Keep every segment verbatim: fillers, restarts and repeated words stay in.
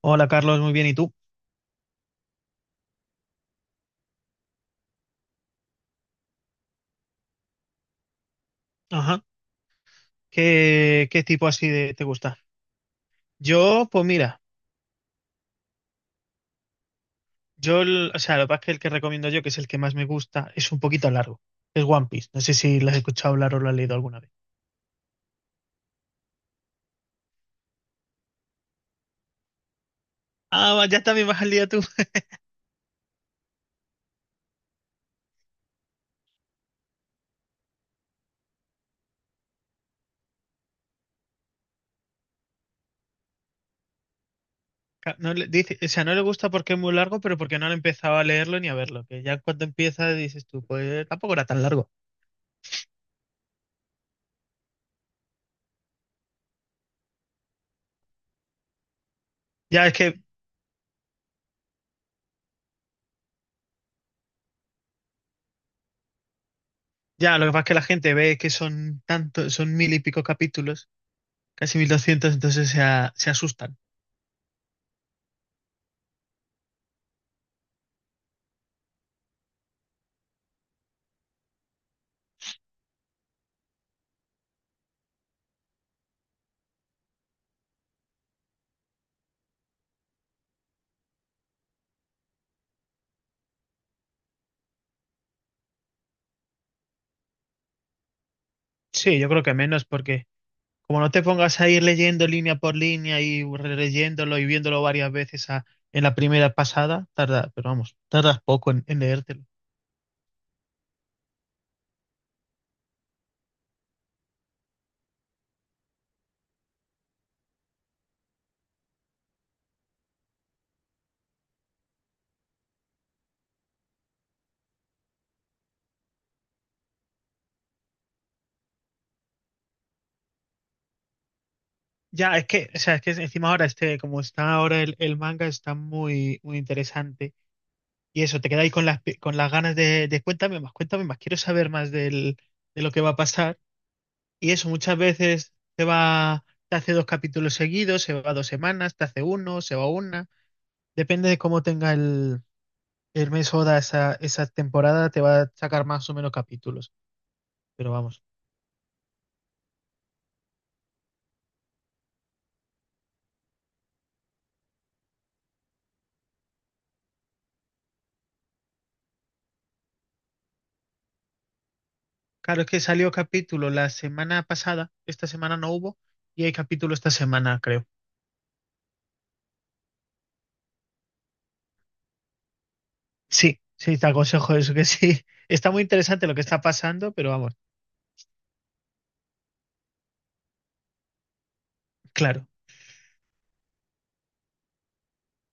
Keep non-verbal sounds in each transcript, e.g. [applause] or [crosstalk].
Hola Carlos, muy bien. ¿Y tú? Ajá. ¿Qué, qué tipo así de, te gusta? Yo, pues mira, yo, el- o sea, lo que pasa es que el que recomiendo yo, que es el que más me gusta, es un poquito largo. Es One Piece. No sé si lo has escuchado hablar o lo has leído alguna vez. Ah, va, ya también vas al día tú. Ca- No le, dice, o sea, no le gusta porque es muy largo, pero porque no han empezado a leerlo ni a verlo. Que ya cuando empieza dices tú, pues tampoco era tan largo. Ya es que, ya, lo que pasa es que la gente ve que son tantos, son mil y pico capítulos, casi mil doscientos, entonces se, a- se asustan. Sí, yo creo que menos porque como no te pongas a ir leyendo línea por línea y releyéndolo y viéndolo varias veces a- en la primera pasada, tarda, pero vamos, tardas poco en, en leértelo. Ya, es que, o sea, es que encima ahora este, como está ahora el, el manga, está muy, muy interesante. Y eso, te quedáis con las, pi- con las ganas de, de cuéntame más, cuéntame más, quiero saber más del, de lo que va a pasar. Y eso, muchas veces te va, te hace dos capítulos seguidos, se va dos semanas, te hace uno, se va una. Depende de cómo tenga el, el mes Oda, esa, esa temporada te va a sacar más o menos capítulos, pero vamos. Claro, es que salió capítulo la semana pasada, esta semana no hubo, y hay capítulo esta semana, creo. Sí, sí, te aconsejo eso, que sí. [laughs] Está muy interesante lo que está pasando, pero vamos, claro.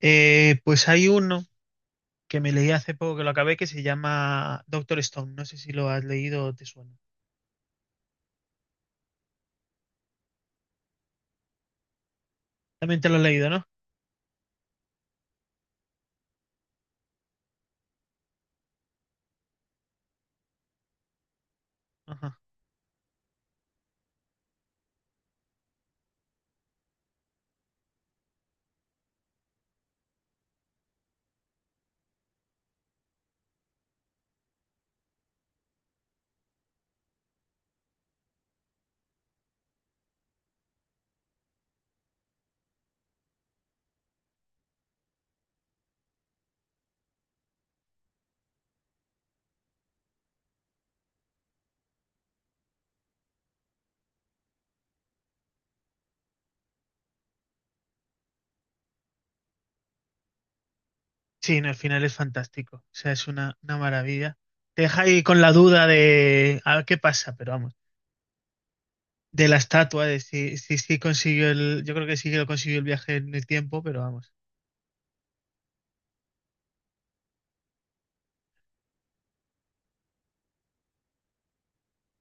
Eh, pues hay uno que me leí hace poco que lo acabé, que se llama Doctor Stone. No sé si lo has leído o te suena. También te lo has leído, ¿no? Ajá. Sí, no, el final es fantástico. O sea, es una, una maravilla. Te deja ahí con la duda de a ver qué pasa, pero vamos. De la estatua, de si, si, si consiguió el. Yo creo que sí que lo consiguió el viaje en el tiempo, pero vamos.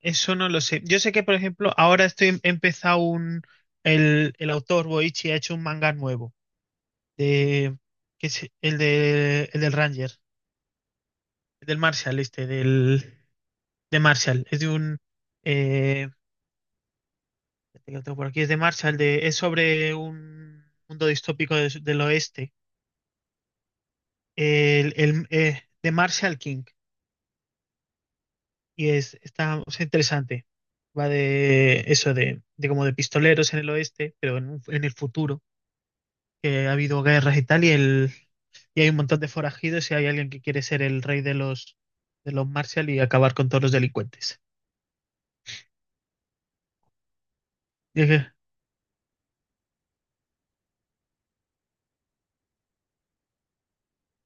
Eso no lo sé. Yo sé que, por ejemplo, ahora estoy he empezado un. El, el autor Boichi ha hecho un manga nuevo. De, que es el de el del Ranger, el del Marshall, este, del, de Marshall. Es de un. eh, Este que lo tengo por aquí, es de Marshall, de, es sobre un mundo distópico des- del oeste, el, el- eh, de Marshall King, y es, está, o sea, interesante. Va de eso, de, de como de pistoleros en el oeste, pero en, un- en el futuro, que ha habido guerras y tal, y, el, y hay un montón de forajidos y hay alguien que quiere ser el rey de los, de los Marshall y acabar con todos los delincuentes. Y es que,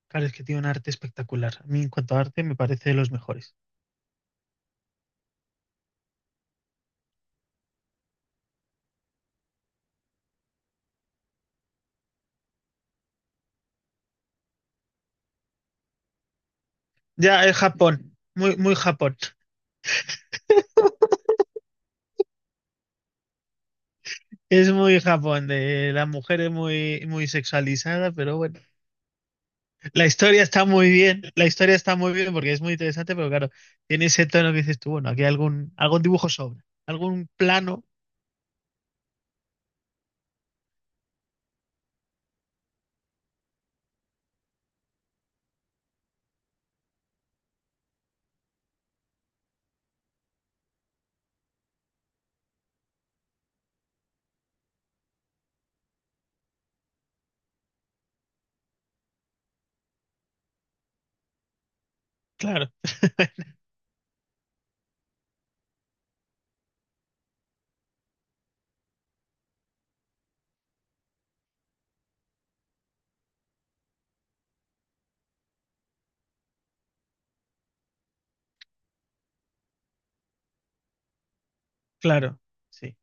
claro, es que tiene un arte espectacular. A mí en cuanto a arte me parece de los mejores. Ya, es Japón, muy, muy Japón. Es muy Japón, de la mujer es muy, muy sexualizada, pero bueno, la historia está muy bien, la historia está muy bien porque es muy interesante, pero claro, tiene ese tono que dices tú, bueno, aquí algún, algún dibujo sobra, algún plano, claro. [laughs] Claro, sí.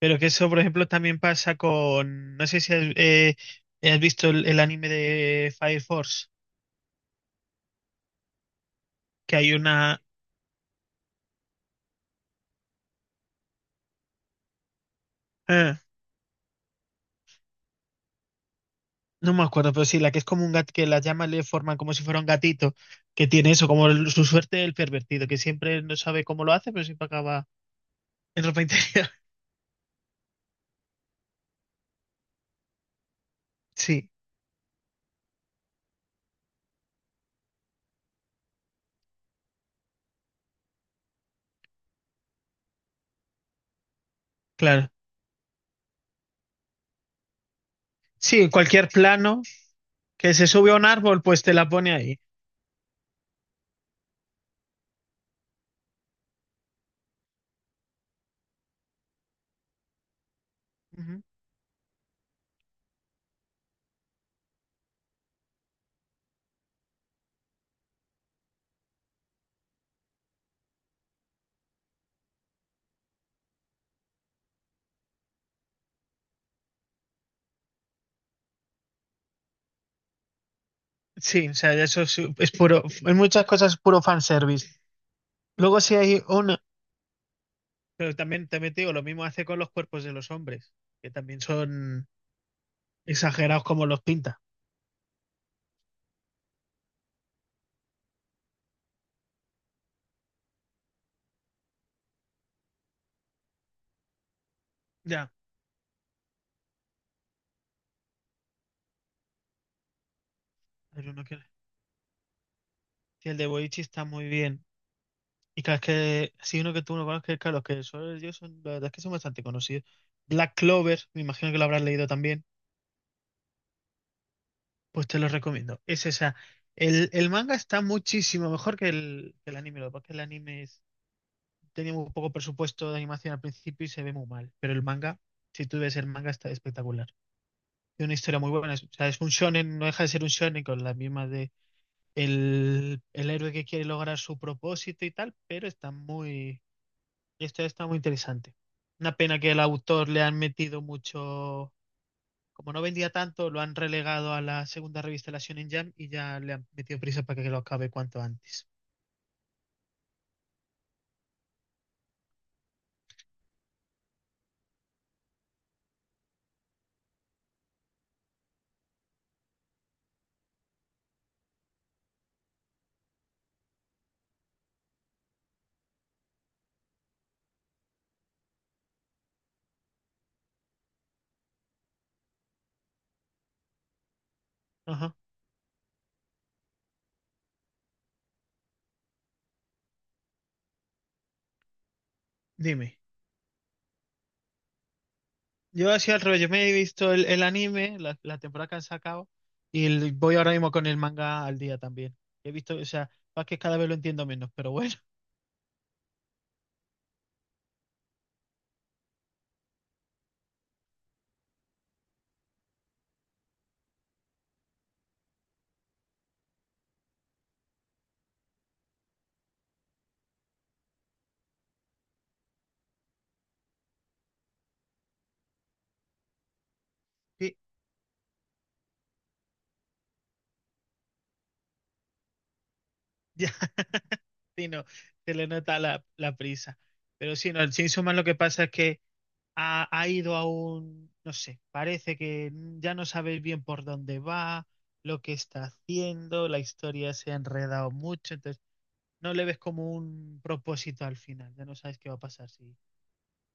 Pero que eso, por ejemplo, también pasa con, no sé si has, eh, has visto el, el anime de Fire Force, que hay una. Ah, no me acuerdo, pero sí, la que es como un gato, que las llamas le forman como si fuera un gatito, que tiene eso, como el- su suerte el pervertido, que siempre no sabe cómo lo hace, pero siempre acaba en ropa interior. [laughs] Sí, claro. Sí, en cualquier plano que se sube a un árbol, pues te la pone ahí. Ujú. Sí, o sea, eso es, es puro, en muchas cosas es puro fanservice. Luego sí hay una, pero también, también te digo, lo mismo hace con los cuerpos de los hombres, que también son exagerados como los pinta. Ya, pero no quiero- Sí, el de Boichi está muy bien. Y claro, es que si uno que tú no conoces, claro, los que son ellos son, la verdad es que son bastante conocidos. Black Clover, me imagino que lo habrás leído también, pues te lo recomiendo. Es esa. El, el manga está muchísimo mejor que el, que el anime, lo que pasa es que el anime es- tenía muy poco presupuesto de animación al principio y se ve muy mal, pero el manga, si tú ves el manga, está espectacular. Tiene una historia muy buena, es- o sea, es un shonen, no deja de ser un shonen con la misma de el, el héroe que quiere lograr su propósito y tal, pero está muy. Esta está muy interesante. Una pena que el autor le han metido mucho. Como no vendía tanto, lo han relegado a la segunda revista de la Shonen Jam y ya le han metido prisa para que lo acabe cuanto antes. Ajá. Dime. Yo hacía al revés. Yo me he visto el, el anime, la, la temporada que han sacado, y el- voy ahora mismo con el manga al día también. He visto, o sea, más que cada vez lo entiendo menos, pero bueno. Sí, ya. [laughs] Sí, no, se le nota la, la prisa. Pero sí, no, el Chainsaw Man lo que pasa es que ha, ha ido a un, no sé, parece que ya no sabéis bien por dónde va, lo que está haciendo, la historia se ha enredado mucho, entonces no le ves como un propósito al final, ya no sabes qué va a pasar si,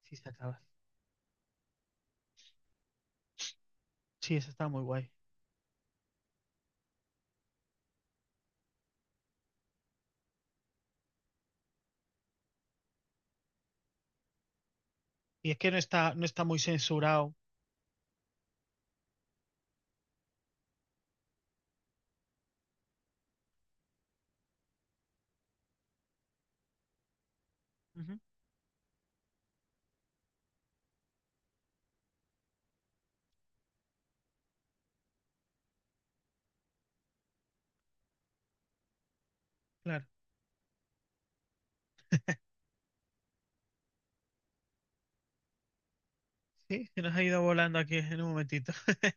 si se acaba. Sí, eso está muy guay. Y es que no está, no está muy censurado. Ujú, claro, sí, se nos ha ido volando aquí en un momentito. [laughs]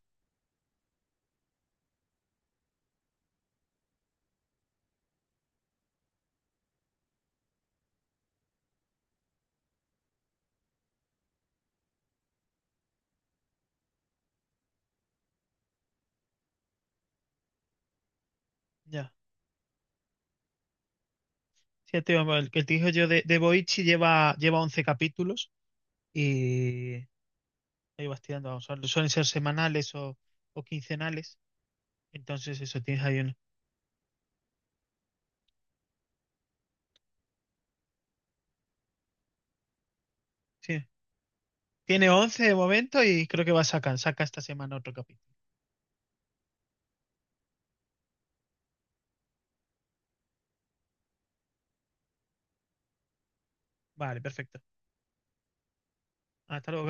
Ya. Sí, te iba- el que te digo yo de, de Boichi lleva, lleva once capítulos y ahí vas tirando, vamos, suelen ser semanales o o quincenales. Entonces eso, tienes ahí uno. Sí. Tiene once de momento y creo que va a sacar, saca esta semana otro capítulo. Vale, perfecto. Hasta luego.